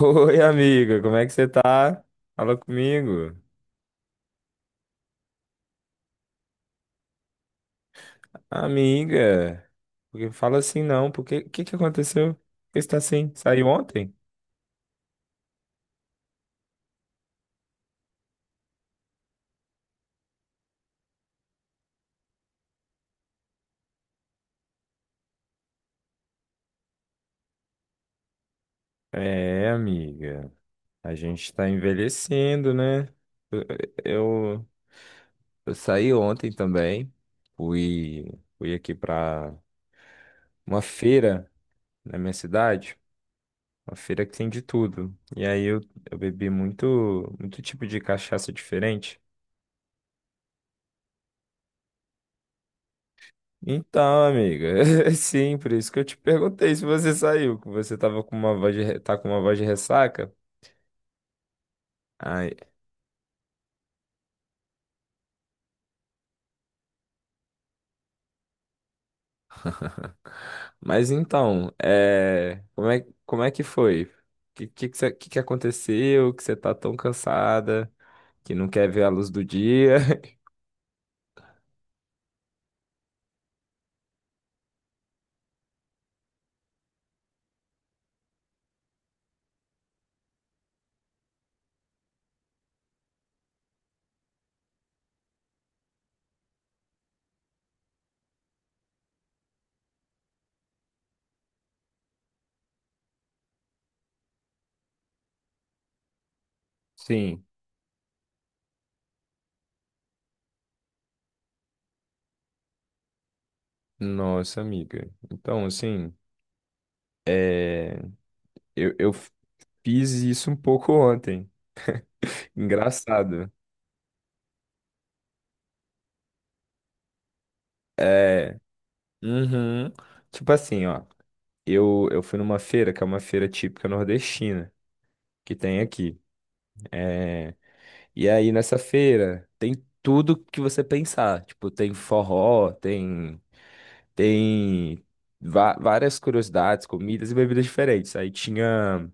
Oi, amiga, como é que você tá? Fala comigo. Amiga, porque fala assim não, porque o que que aconteceu? Por que você tá assim? Saiu ontem? É, amiga, a gente tá envelhecendo, né? Eu, eu, eu saí ontem também, fui, fui aqui pra uma feira na minha cidade, uma feira que tem de tudo. E aí eu bebi muito, muito tipo de cachaça diferente. Então, amiga, é sim, por isso que eu te perguntei se você saiu, que você tava com uma voz tá com uma voz de ressaca. Ai, mas então, é, como é que foi? O que que aconteceu? Que você tá tão cansada, que não quer ver a luz do dia? Sim, nossa amiga. Então, assim, eu fiz isso um pouco ontem. Engraçado. É, uhum. Tipo assim, ó, eu fui numa feira, que é uma feira típica nordestina que tem aqui. É, e aí nessa feira tem tudo que você pensar. Tipo, tem forró, tem tem várias curiosidades, comidas e bebidas diferentes. Aí tinha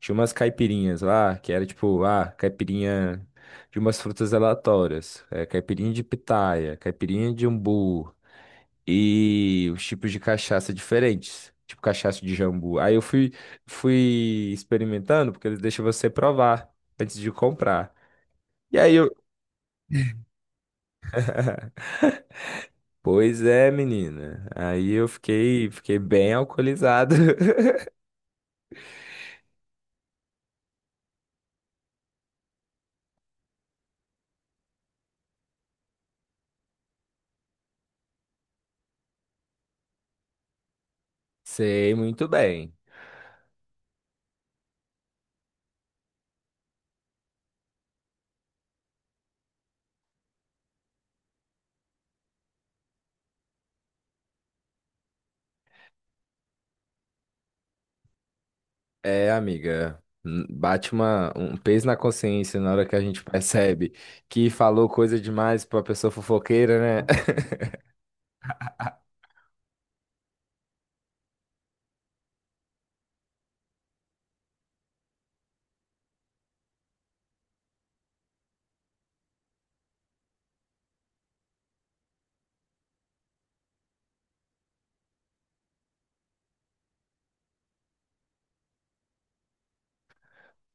tinha umas caipirinhas lá, que era tipo, ah, caipirinha de umas frutas aleatórias, é, caipirinha de pitaia, caipirinha de umbu, e os tipos de cachaça diferentes, tipo cachaça de jambu. Aí eu fui, fui experimentando, porque eles deixam você provar antes de comprar. E aí eu, pois é, menina. Aí eu fiquei, fiquei bem alcoolizado. Sei muito bem. É, amiga, bate uma, um peso na consciência na hora que a gente percebe que falou coisa demais pra pessoa fofoqueira, né?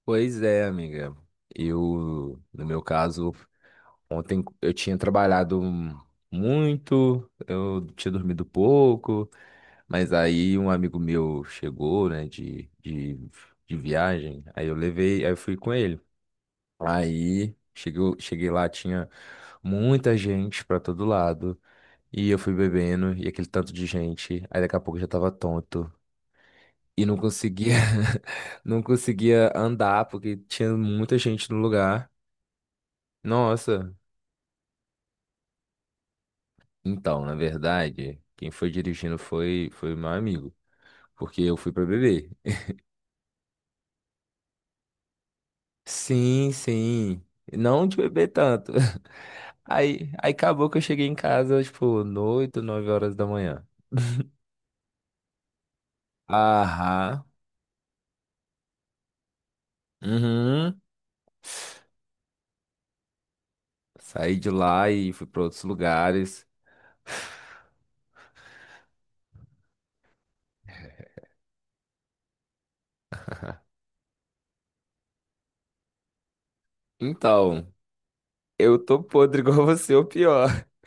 Pois é, amiga. Eu, no meu caso, ontem eu tinha trabalhado muito, eu tinha dormido pouco, mas aí um amigo meu chegou, né, de viagem, aí eu levei, aí eu fui com ele. Aí chegou, cheguei lá, tinha muita gente pra todo lado, e eu fui bebendo, e aquele tanto de gente, aí daqui a pouco eu já tava tonto. E não conseguia, não conseguia andar porque tinha muita gente no lugar. Nossa, então, na verdade, quem foi dirigindo foi o meu amigo, porque eu fui pra beber. Sim, sim. Não de beber tanto. Aí acabou que eu cheguei em casa, tipo, noito, 9 horas da manhã. Aham. Uhum. Saí de lá e fui pra outros lugares. Então, eu tô podre igual você, ou pior.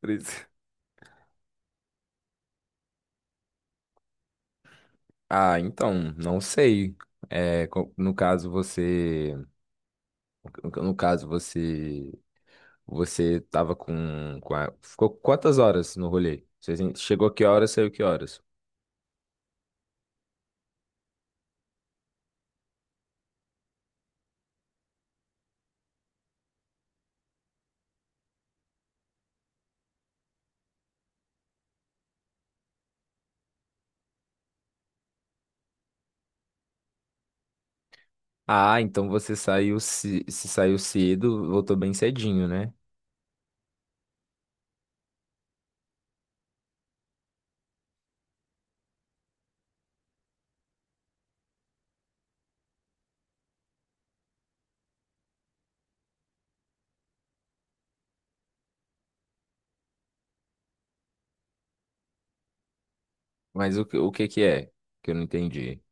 Por isso... Ah, então, não sei. É, co- no caso você. Você tava com a... Ficou quantas horas no rolê? Você chegou que horas, saiu que horas? Ah, então você saiu se saiu cedo, voltou bem cedinho, né? Mas o que que é? Que eu não entendi.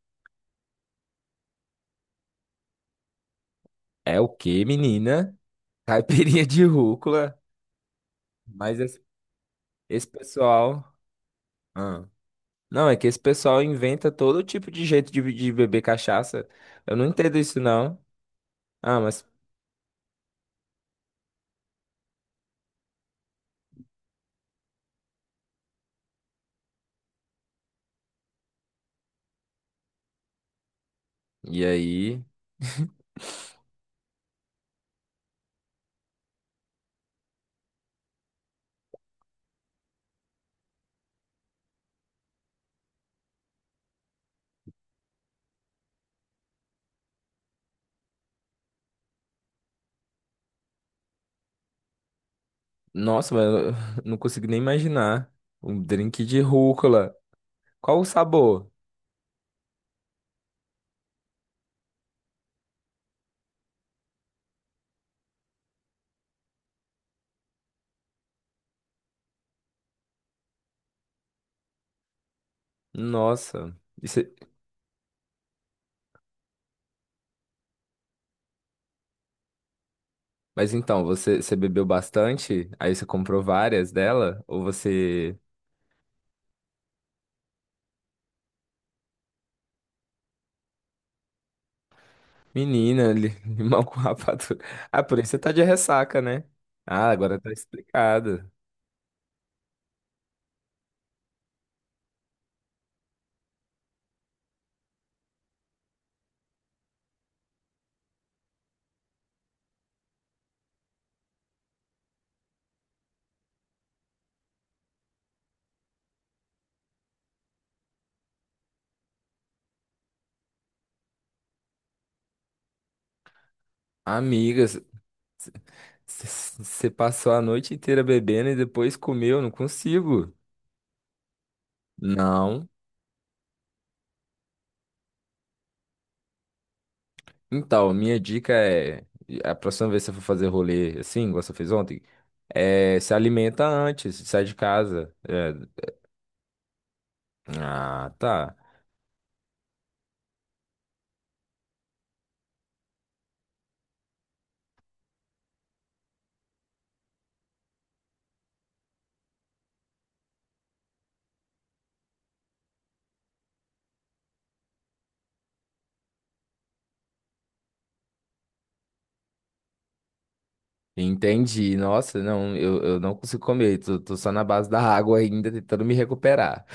É o que, menina? Caipirinha de rúcula. Mas esse pessoal. Ah. Não, é que esse pessoal inventa todo tipo de jeito de beber cachaça. Eu não entendo isso, não. Ah, mas. E aí? Nossa, mas eu não consigo nem imaginar. Um drink de rúcula. Qual o sabor? Nossa. E cê- mas então, você bebeu bastante? Aí você comprou várias dela? Ou você. Menina, li- limão com rapadura. Ah, por isso você tá de ressaca, né? Ah, agora tá explicado. Amigas, você passou a noite inteira bebendo e depois comeu? Não consigo. Não. Então, minha dica é, a próxima vez que você for fazer rolê assim, igual você fez ontem, é, se alimenta antes, sai de casa. É, ah, tá. Entendi. Nossa, não, eu não consigo comer, tô só na base da água ainda, tentando me recuperar.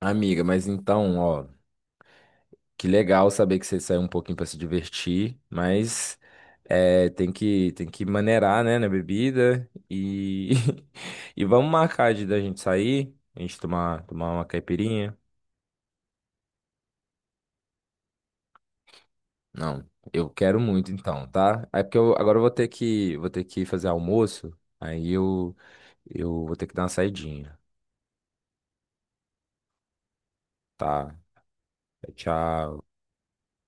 Amiga, mas então, ó, que legal saber que você saiu um pouquinho pra se divertir, mas é, tem que maneirar, né, na bebida e, e vamos marcar de da gente sair, a gente tomar, tomar uma caipirinha. Não, eu quero muito então, tá? É porque eu agora eu vou ter que fazer almoço, aí eu vou ter que dar uma saidinha, tá? Tchau.